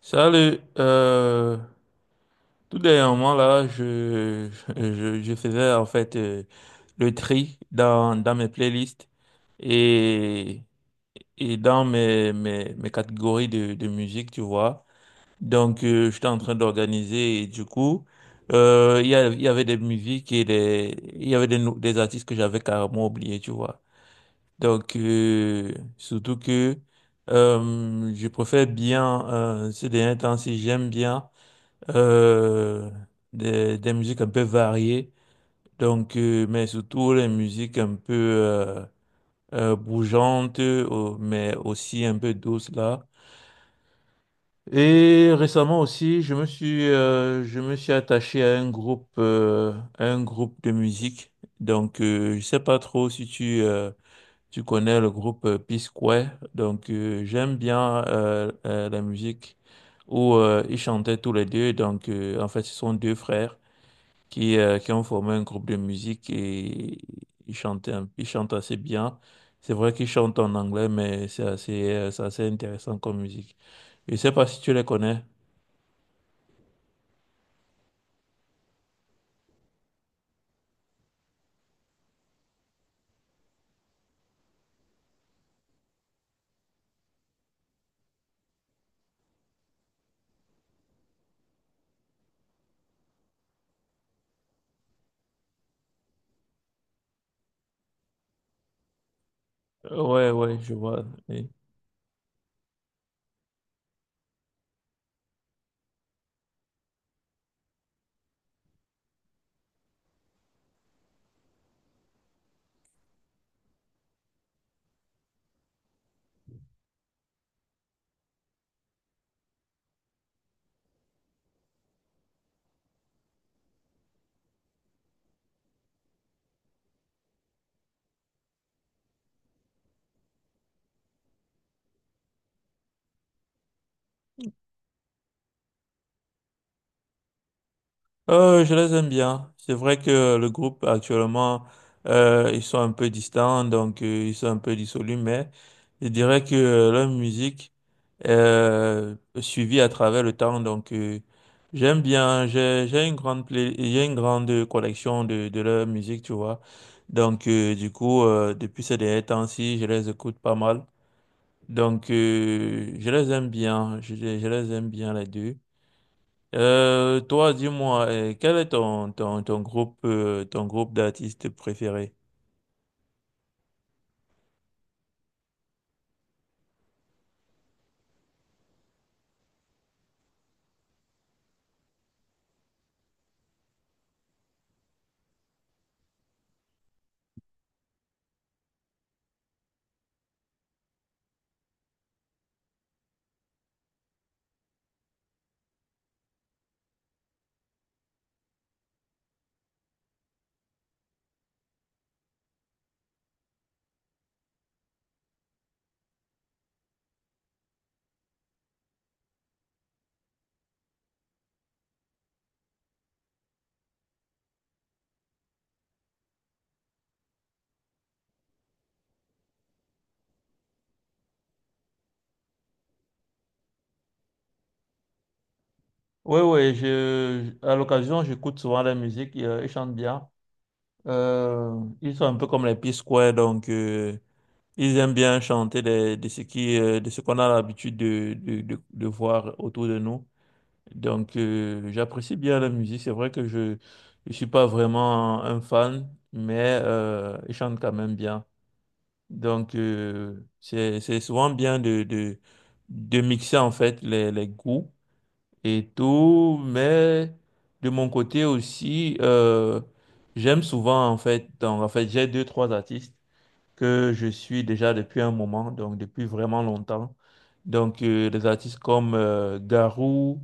Salut, tout dernièrement là, je faisais en fait le tri dans mes playlists et, et dans mes catégories de musique, tu vois. Donc, j'étais en train d'organiser et du coup, il y avait des musiques il y avait des artistes que j'avais carrément oubliés, tu vois. Donc, surtout que je préfère bien, ces derniers temps, si j'aime bien euh, des musiques un peu variées, donc, mais surtout les musiques un peu bougeantes, mais aussi un peu douces là. Et récemment aussi, je me suis attaché à à un groupe de musique. Donc, je sais pas trop si tu connais le groupe Peace Square. Donc, j'aime bien la musique où ils chantaient tous les deux. Donc, en fait, ce sont deux frères qui ont formé un groupe de musique et ils chantent assez bien. C'est vrai qu'ils chantent en anglais, mais c'est assez intéressant comme musique. Je sais pas si tu les connais. Ouais, ouais, je vois. Je les aime bien. C'est vrai que le groupe actuellement, ils sont un peu distants, donc ils sont un peu dissolus, mais je dirais que leur musique est suivie à travers le temps, donc j'aime bien. J'ai une grande collection de leur musique, tu vois. Donc du coup, depuis ces derniers temps-ci, je les écoute pas mal. Donc je les aime bien. Je les aime bien les deux. Toi, dis-moi, quel est ton groupe d'artistes préféré? Oui, oui, je, à l'occasion, j'écoute souvent la musique, ils chantent bien. Euh, Ils sont un peu comme les P-Square, donc ils aiment bien chanter des- de, ce qui, de ce qu'on a l'habitude de voir autour de nous. Donc j'apprécie bien la musique, c'est vrai que je ne suis pas vraiment un fan, mais ils chantent quand même bien. Donc, c'est souvent bien de mixer en fait les goûts et tout, mais de mon côté aussi, j'aime souvent en fait, donc en fait, j'ai deux, trois artistes que je suis déjà depuis un moment, donc depuis vraiment longtemps. Donc, des artistes comme Garou,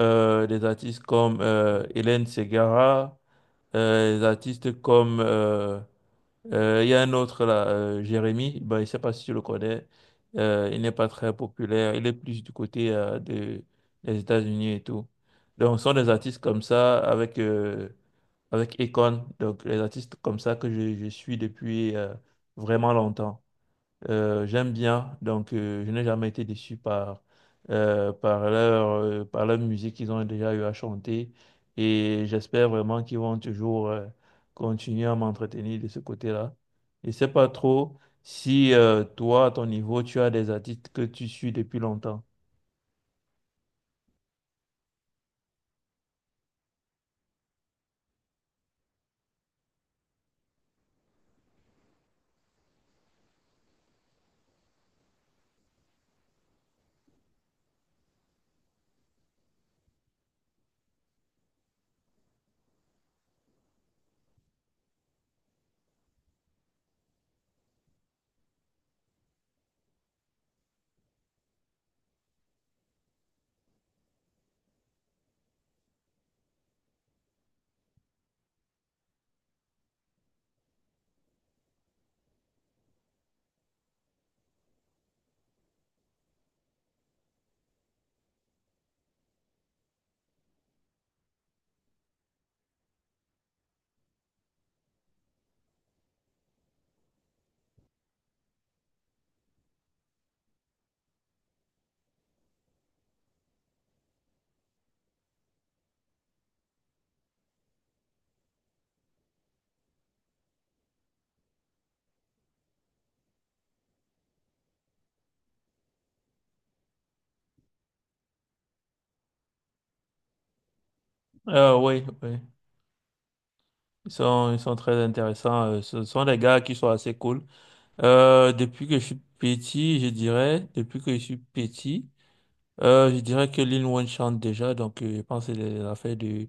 des artistes comme Hélène Ségara, des artistes comme il y a un autre là, Jérémy, ben, je ne sais pas si tu le connais. Il n'est pas très populaire. Il est plus du côté des États-Unis et tout. Donc, ce sont des artistes comme ça avec, avec Akon. Donc, les artistes comme ça que je suis depuis vraiment longtemps. J'aime bien, donc je n'ai jamais été déçu par, par leur musique qu'ils ont déjà eu à chanter et j'espère vraiment qu'ils vont toujours continuer à m'entretenir de ce côté-là. Je ne sais pas trop si toi, à ton niveau, tu as des artistes que tu suis depuis longtemps. Oui, oui. Ils sont très intéressants. Ce sont des gars qui sont assez cool. Depuis que je suis petit, je dirais, depuis que je suis petit, je dirais que Lil Wayne chante déjà, donc je pense que c'est l'affaire de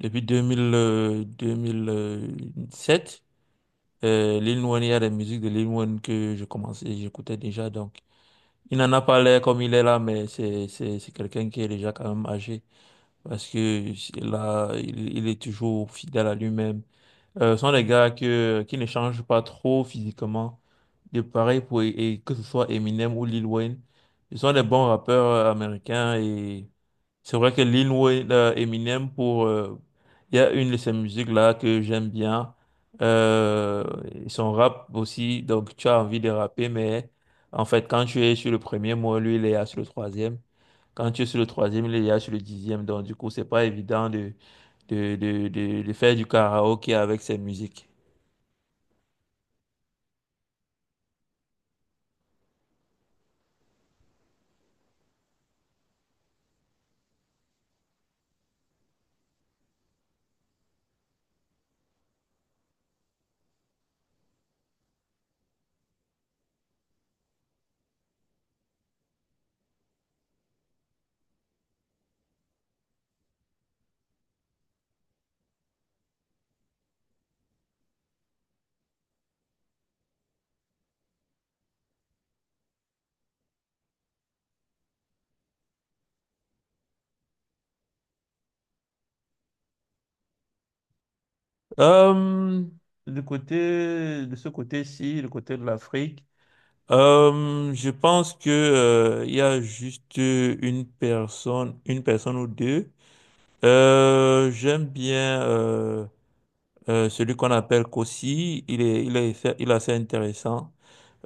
depuis 2000, 2007. Lil Wayne, il y a des musiques de Lil Wayne que je commençais, j'écoutais déjà, donc il n'en a pas l'air comme il est là, mais c'est quelqu'un qui est déjà quand même âgé, parce que là, il est toujours fidèle à lui-même sont des gars qui ne changent pas trop physiquement. De pareil pour, et que ce soit Eminem ou Lil Wayne. Ils sont des bons rappeurs américains et c'est vrai que Eminem pour, il y a une de ses musiques là que j'aime bien. Euh, et son rap aussi, donc tu as envie de rapper, mais en fait, quand tu es sur le premier mot, lui, il est là sur le troisième. Quand tu es sur le troisième, il est là sur le dixième. Donc, du coup, c'est pas évident de faire du karaoké avec ses musiques. Euh, du côté, de ce côté-ci, le côté de l'Afrique, je pense que, il y a juste une personne ou deux. J'aime bien, celui qu'on appelle Kossi. Il est assez intéressant.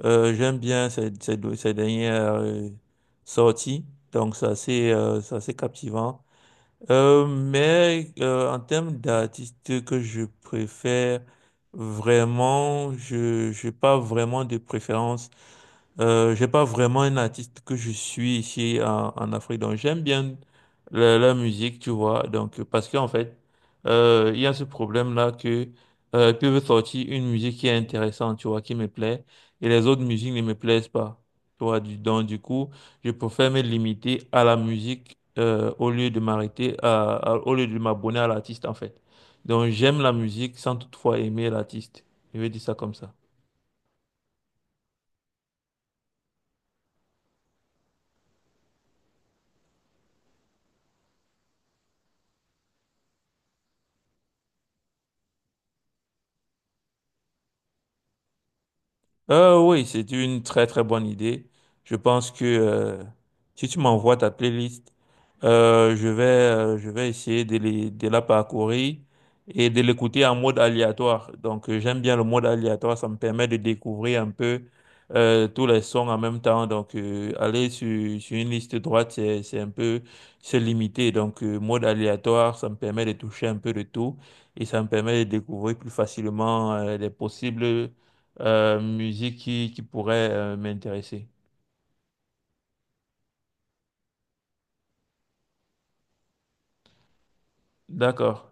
J'aime bien ses dernières sorties. Donc, c'est assez captivant. Mais en termes d'artistes que je préfère, vraiment, je n'ai pas vraiment de préférence. J'ai pas vraiment un artiste que je suis ici en Afrique, donc j'aime bien la musique, tu vois. Donc parce qu'en fait, il y a ce problème-là que ils peuvent sortir une musique qui est intéressante, tu vois, qui me plaît, et les autres musiques ne me plaisent pas, tu vois. Donc du coup, je préfère me limiter à la musique au lieu de m'arrêter au lieu de m'abonner à l'artiste en fait. Donc j'aime la musique sans toutefois aimer l'artiste. Je vais dire ça comme ça. Oui, c'est une très très bonne idée. Je pense que si tu m'envoies ta playlist, je vais essayer de la parcourir et de l'écouter en mode aléatoire. Donc j'aime bien le mode aléatoire, ça me permet de découvrir un peu tous les sons en même temps. Donc aller sur une liste droite, c'est un peu c'est limité. Donc mode aléatoire, ça me permet de toucher un peu de tout et ça me permet de découvrir plus facilement les possibles musique qui pourrait m'intéresser. D'accord.